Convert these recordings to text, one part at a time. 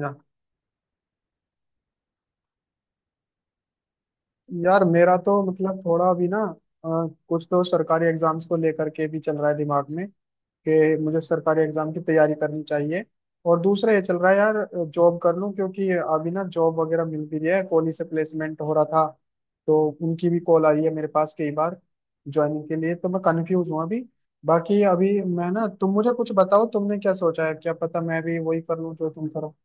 या, यार मेरा तो मतलब थोड़ा अभी ना अ, कुछ तो सरकारी एग्जाम्स को लेकर के भी चल रहा है दिमाग में कि मुझे सरकारी एग्जाम की तैयारी करनी चाहिए। और दूसरा ये चल रहा है यार, जॉब कर लूं क्योंकि अभी ना जॉब वगैरह मिल भी रही है, कॉलेज से प्लेसमेंट हो रहा था तो उनकी भी कॉल आई है मेरे पास कई बार ज्वाइनिंग के लिए। तो मैं कंफ्यूज हूँ अभी। बाकी अभी मैं ना, तुम मुझे कुछ बताओ, तुमने क्या सोचा है, क्या पता मैं भी वही कर लूँ जो तुम करो।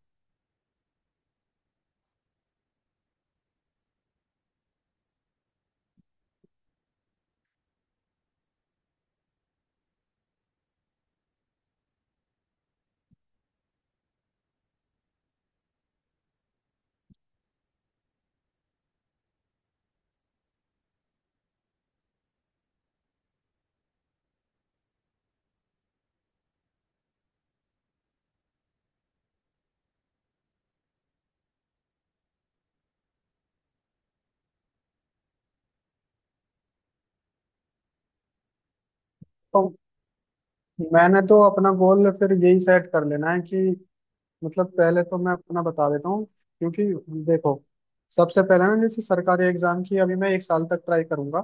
तो मैंने तो अपना गोल फिर यही सेट कर लेना है कि मतलब पहले तो मैं अपना बता देता हूँ क्योंकि देखो, सबसे पहले ना जैसे सरकारी एग्जाम की अभी मैं एक साल तक ट्राई करूंगा।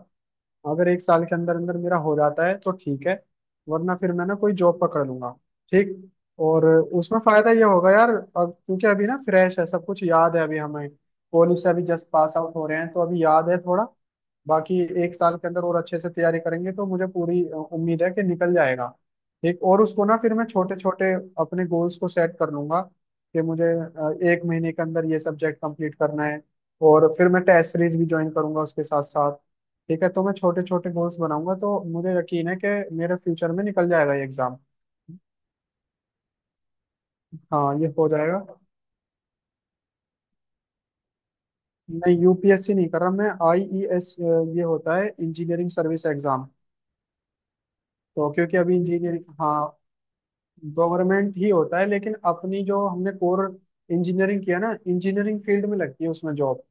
अगर एक साल के अंदर अंदर मेरा हो जाता है तो ठीक है, वरना फिर मैं ना कोई जॉब पकड़ लूंगा। ठीक। और उसमें फायदा ये होगा यार, अब क्योंकि अभी ना फ्रेश है, सब कुछ याद है अभी हमें, कॉलेज से अभी जस्ट पास आउट हो रहे हैं तो अभी याद है थोड़ा। बाकी एक साल के अंदर और अच्छे से तैयारी करेंगे तो मुझे पूरी उम्मीद है कि निकल जाएगा। ठीक। और उसको ना फिर मैं छोटे छोटे अपने गोल्स को सेट कर लूंगा कि मुझे एक महीने के अंदर ये सब्जेक्ट कंप्लीट करना है। और फिर मैं टेस्ट सीरीज भी ज्वाइन करूंगा उसके साथ साथ। ठीक है, तो मैं छोटे छोटे गोल्स बनाऊंगा तो मुझे यकीन है कि मेरे फ्यूचर में निकल जाएगा ये एग्जाम। हाँ, ये हो जाएगा। मैं यूपीएससी नहीं कर रहा, मैं आईईएस, ये होता है इंजीनियरिंग सर्विस एग्जाम। तो क्योंकि अभी इंजीनियरिंग। हाँ, गवर्नमेंट ही होता है, लेकिन अपनी जो हमने कोर इंजीनियरिंग किया ना, इंजीनियरिंग फील्ड में लगती है उसमें जॉब।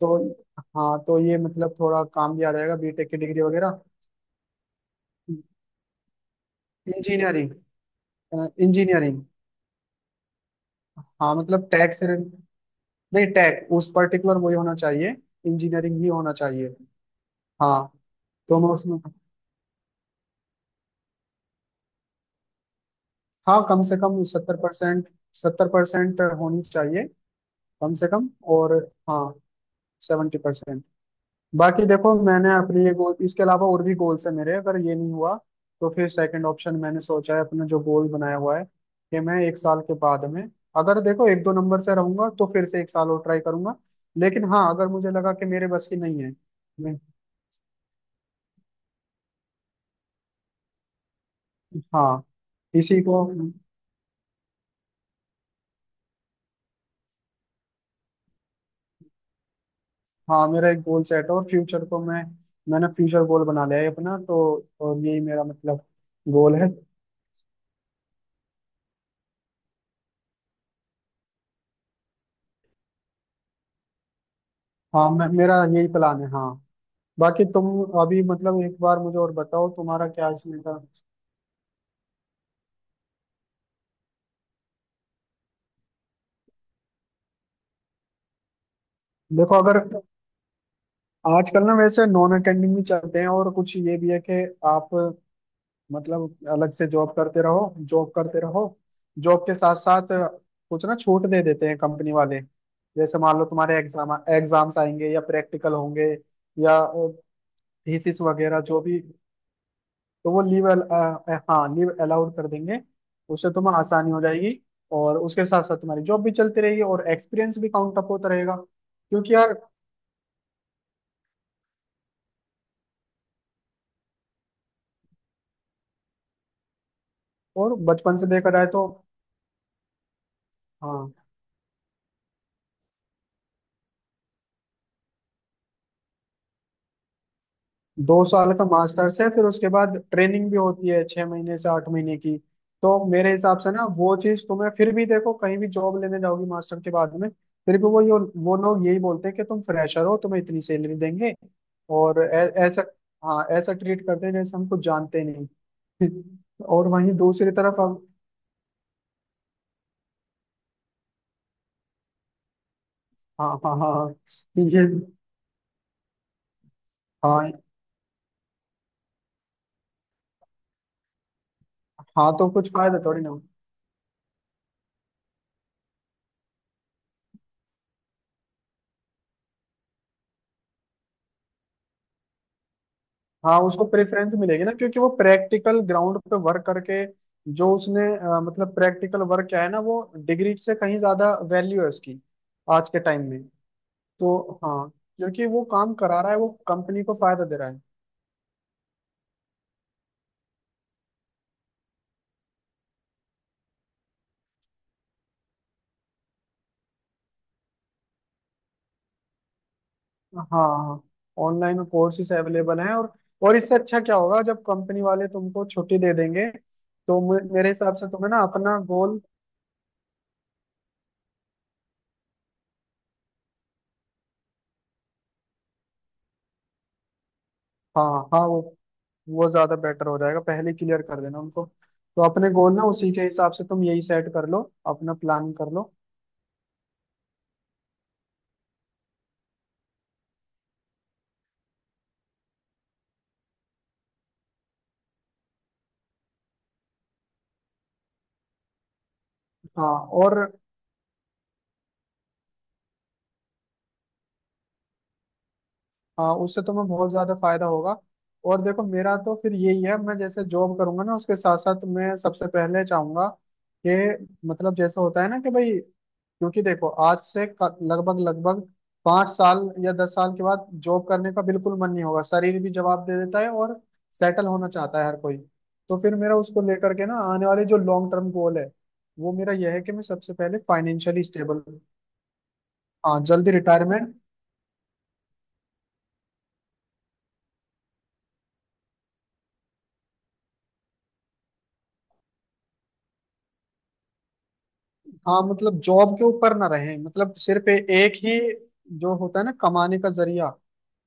तो हाँ, तो ये मतलब थोड़ा काम भी आ जाएगा बीटेक की डिग्री वगैरह। इंजीनियरिंग। इंजीनियरिंग। हाँ मतलब टैक्स, नहीं टेक, उस पर्टिकुलर वही होना चाहिए, इंजीनियरिंग ही होना चाहिए। हाँ, तो मैं उसमें। हाँ, कम से कम 70%, सत्तर परसेंट होनी चाहिए कम से कम। और हाँ, 70%। बाकी देखो, मैंने अपने ये गोल, इसके अलावा और भी गोल्स है मेरे, अगर ये नहीं हुआ तो फिर सेकंड ऑप्शन मैंने सोचा है, अपना जो गोल बनाया हुआ है कि मैं एक साल के बाद में, अगर देखो एक दो नंबर से रहूंगा तो फिर से एक साल और ट्राई करूंगा, लेकिन हाँ, अगर मुझे लगा कि मेरे बस की नहीं है। मैं- हाँ, इसी को। हाँ, मेरा एक गोल सेट है और फ्यूचर को मैंने फ्यूचर गोल बना लिया है अपना तो, और यही मेरा मतलब गोल है। हाँ मैं, मेरा यही प्लान है, हाँ। बाकी तुम अभी मतलब एक बार मुझे और बताओ, तुम्हारा क्या इसमें का। देखो, अगर आजकल ना वैसे नॉन अटेंडिंग भी चलते हैं, और कुछ ये भी है कि आप मतलब अलग से जॉब करते रहो, जॉब करते रहो, जॉब के साथ साथ कुछ ना छूट दे देते हैं कंपनी वाले। जैसे मान लो तुम्हारे एग्जाम्स आएंगे या प्रैक्टिकल होंगे या थीसिस वगैरह जो भी, तो वो लीव अल, अ, अ, हाँ, लीव अलाउड कर देंगे। उससे तुम्हें आसानी हो जाएगी। और उसके साथ साथ तुम्हारी जॉब भी चलती रहेगी और एक्सपीरियंस भी काउंट अप होता रहेगा क्योंकि यार, और बचपन से देखा जाए तो। हाँ, 2 साल का मास्टर्स है, फिर उसके बाद ट्रेनिंग भी होती है 6 महीने से 8 महीने की। तो मेरे हिसाब से ना, वो चीज तुम्हें फिर भी, देखो कहीं भी जॉब लेने जाओगी मास्टर के बाद में, फिर भी वो लोग यही बोलते हैं कि तुम फ्रेशर हो, तुम्हें इतनी सैलरी देंगे। और ऐसा, हाँ ऐसा ट्रीट करते हैं जैसे हम कुछ जानते ही नहीं और वहीं दूसरी तरफ हम, हाँ हाँ हाँ हाँ, ये। हाँ। हाँ तो कुछ फायदा थोड़ी ना। हाँ, उसको प्रेफरेंस मिलेगी ना क्योंकि वो प्रैक्टिकल ग्राउंड पे वर्क करके, जो उसने मतलब प्रैक्टिकल वर्क किया है ना, वो डिग्री से कहीं ज्यादा वैल्यू है उसकी आज के टाइम में। तो हाँ, क्योंकि वो काम करा रहा है, वो कंपनी को फायदा दे रहा है। हाँ, ऑनलाइन कोर्सेज अवेलेबल हैं। और इससे अच्छा क्या होगा, जब कंपनी वाले तुमको छुट्टी दे देंगे तो मेरे हिसाब से तुम्हें ना अपना गोल। हाँ हाँ, वो ज्यादा बेटर हो जाएगा, पहले क्लियर कर देना उनको। तो अपने गोल ना उसी के हिसाब से तुम यही सेट कर लो, अपना प्लान कर लो। हाँ। और हाँ, उससे तुम्हें बहुत ज्यादा फायदा होगा। और देखो, मेरा तो फिर यही है, मैं जैसे जॉब करूंगा ना उसके साथ साथ मैं सबसे पहले चाहूंगा कि मतलब जैसे होता है ना कि भाई, क्योंकि देखो आज से लगभग लगभग 5 साल या 10 साल के बाद जॉब करने का बिल्कुल मन नहीं होगा, शरीर भी जवाब दे देता है, और सेटल होना चाहता है हर कोई। तो फिर मेरा उसको लेकर के ना, आने वाले जो लॉन्ग टर्म गोल है, वो मेरा यह है कि मैं सबसे पहले फाइनेंशियली स्टेबल। हाँ, जल्दी रिटायरमेंट। हाँ मतलब जॉब के ऊपर ना रहे, मतलब सिर्फ एक ही जो होता है ना कमाने का जरिया,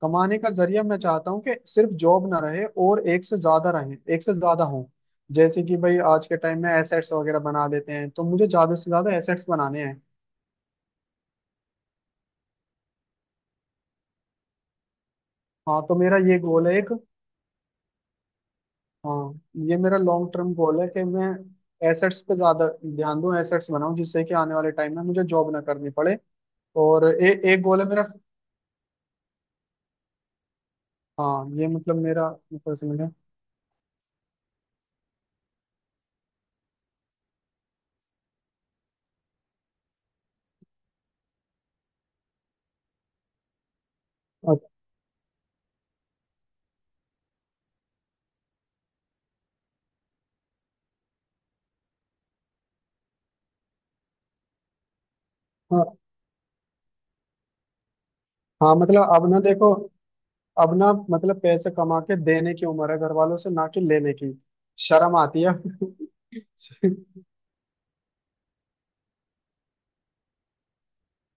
कमाने का जरिया मैं चाहता हूँ कि सिर्फ जॉब ना रहे और एक से ज्यादा रहे, एक से ज्यादा हो। जैसे कि भाई आज के टाइम में एसेट्स वगैरह बना लेते हैं, तो मुझे ज्यादा से ज्यादा एसेट्स बनाने हैं। हाँ, तो मेरा ये गोल है एक। हाँ, ये मेरा लॉन्ग टर्म गोल है कि मैं एसेट्स पे ज्यादा ध्यान दूं, एसेट्स बनाऊं जिससे कि आने वाले टाइम में मुझे जॉब ना करनी पड़े। और एक गोल है मेरा। हाँ ये मतलब मेरा मतलब, समझे। हाँ मतलब अब ना देखो, अब ना मतलब पैसे कमा के देने की उम्र है घर वालों से, ना कि लेने की। शर्म आती है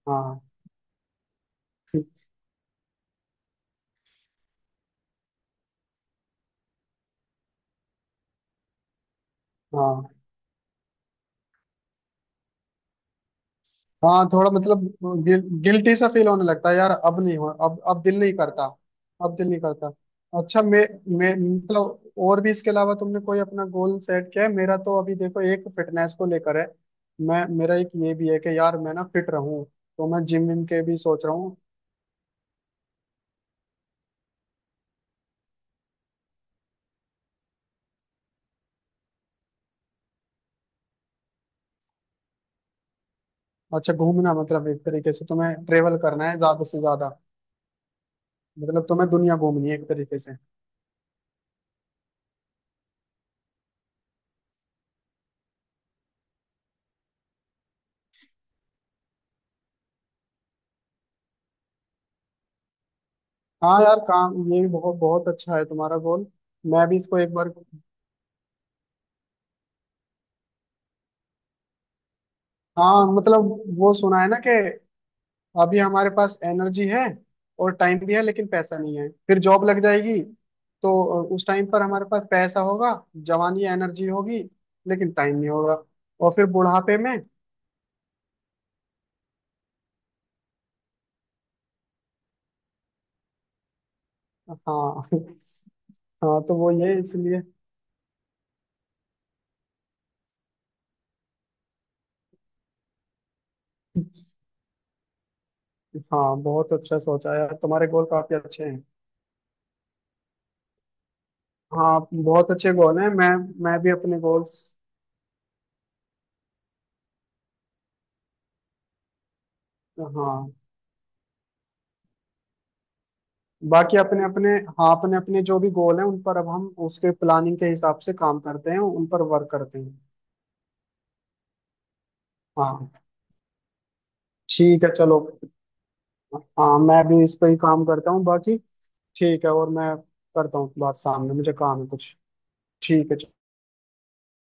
हाँ हाँ हाँ, थोड़ा मतलब गिल्टी सा फील होने लगता है यार, अब नहीं हो, अब दिल नहीं करता, अब दिल नहीं करता। अच्छा मैं मतलब और भी इसके अलावा तुमने कोई अपना गोल सेट किया है? मेरा तो अभी देखो एक फिटनेस को लेकर है। मैं, मेरा एक ये भी है कि यार मैं ना फिट रहूं, तो मैं जिम विम के भी सोच रहा हूँ। अच्छा, घूमना, मतलब एक तरीके से तुम्हें ट्रेवल करना है ज्यादा से ज्यादा। मतलब तुम्हें दुनिया घूमनी है एक तरीके से। हाँ यार, काम ये भी बहुत बहुत अच्छा है तुम्हारा गोल। मैं भी इसको एक बार। हाँ मतलब वो सुना है ना कि अभी हमारे पास एनर्जी है और टाइम भी है लेकिन पैसा नहीं है, फिर जॉब लग जाएगी तो उस टाइम पर हमारे पास पैसा होगा, जवानी, एनर्जी होगी लेकिन टाइम नहीं होगा, और फिर बुढ़ापे में। हाँ हाँ तो वो ये इसलिए हाँ बहुत अच्छा सोचा यार, तुम्हारे गोल काफी अच्छे हैं। हाँ, बहुत अच्छे गोल हैं। मैं भी अपने गोल्स। हाँ बाकी अपने अपने। हाँ अपने अपने जो भी गोल हैं, उन पर अब हम उसके प्लानिंग के हिसाब से काम करते हैं, उन पर वर्क करते हैं। हाँ, ठीक है चलो। हाँ, मैं भी इस पर ही काम करता हूँ बाकी। ठीक है, और मैं करता हूँ बात, सामने मुझे काम है कुछ। ठीक है।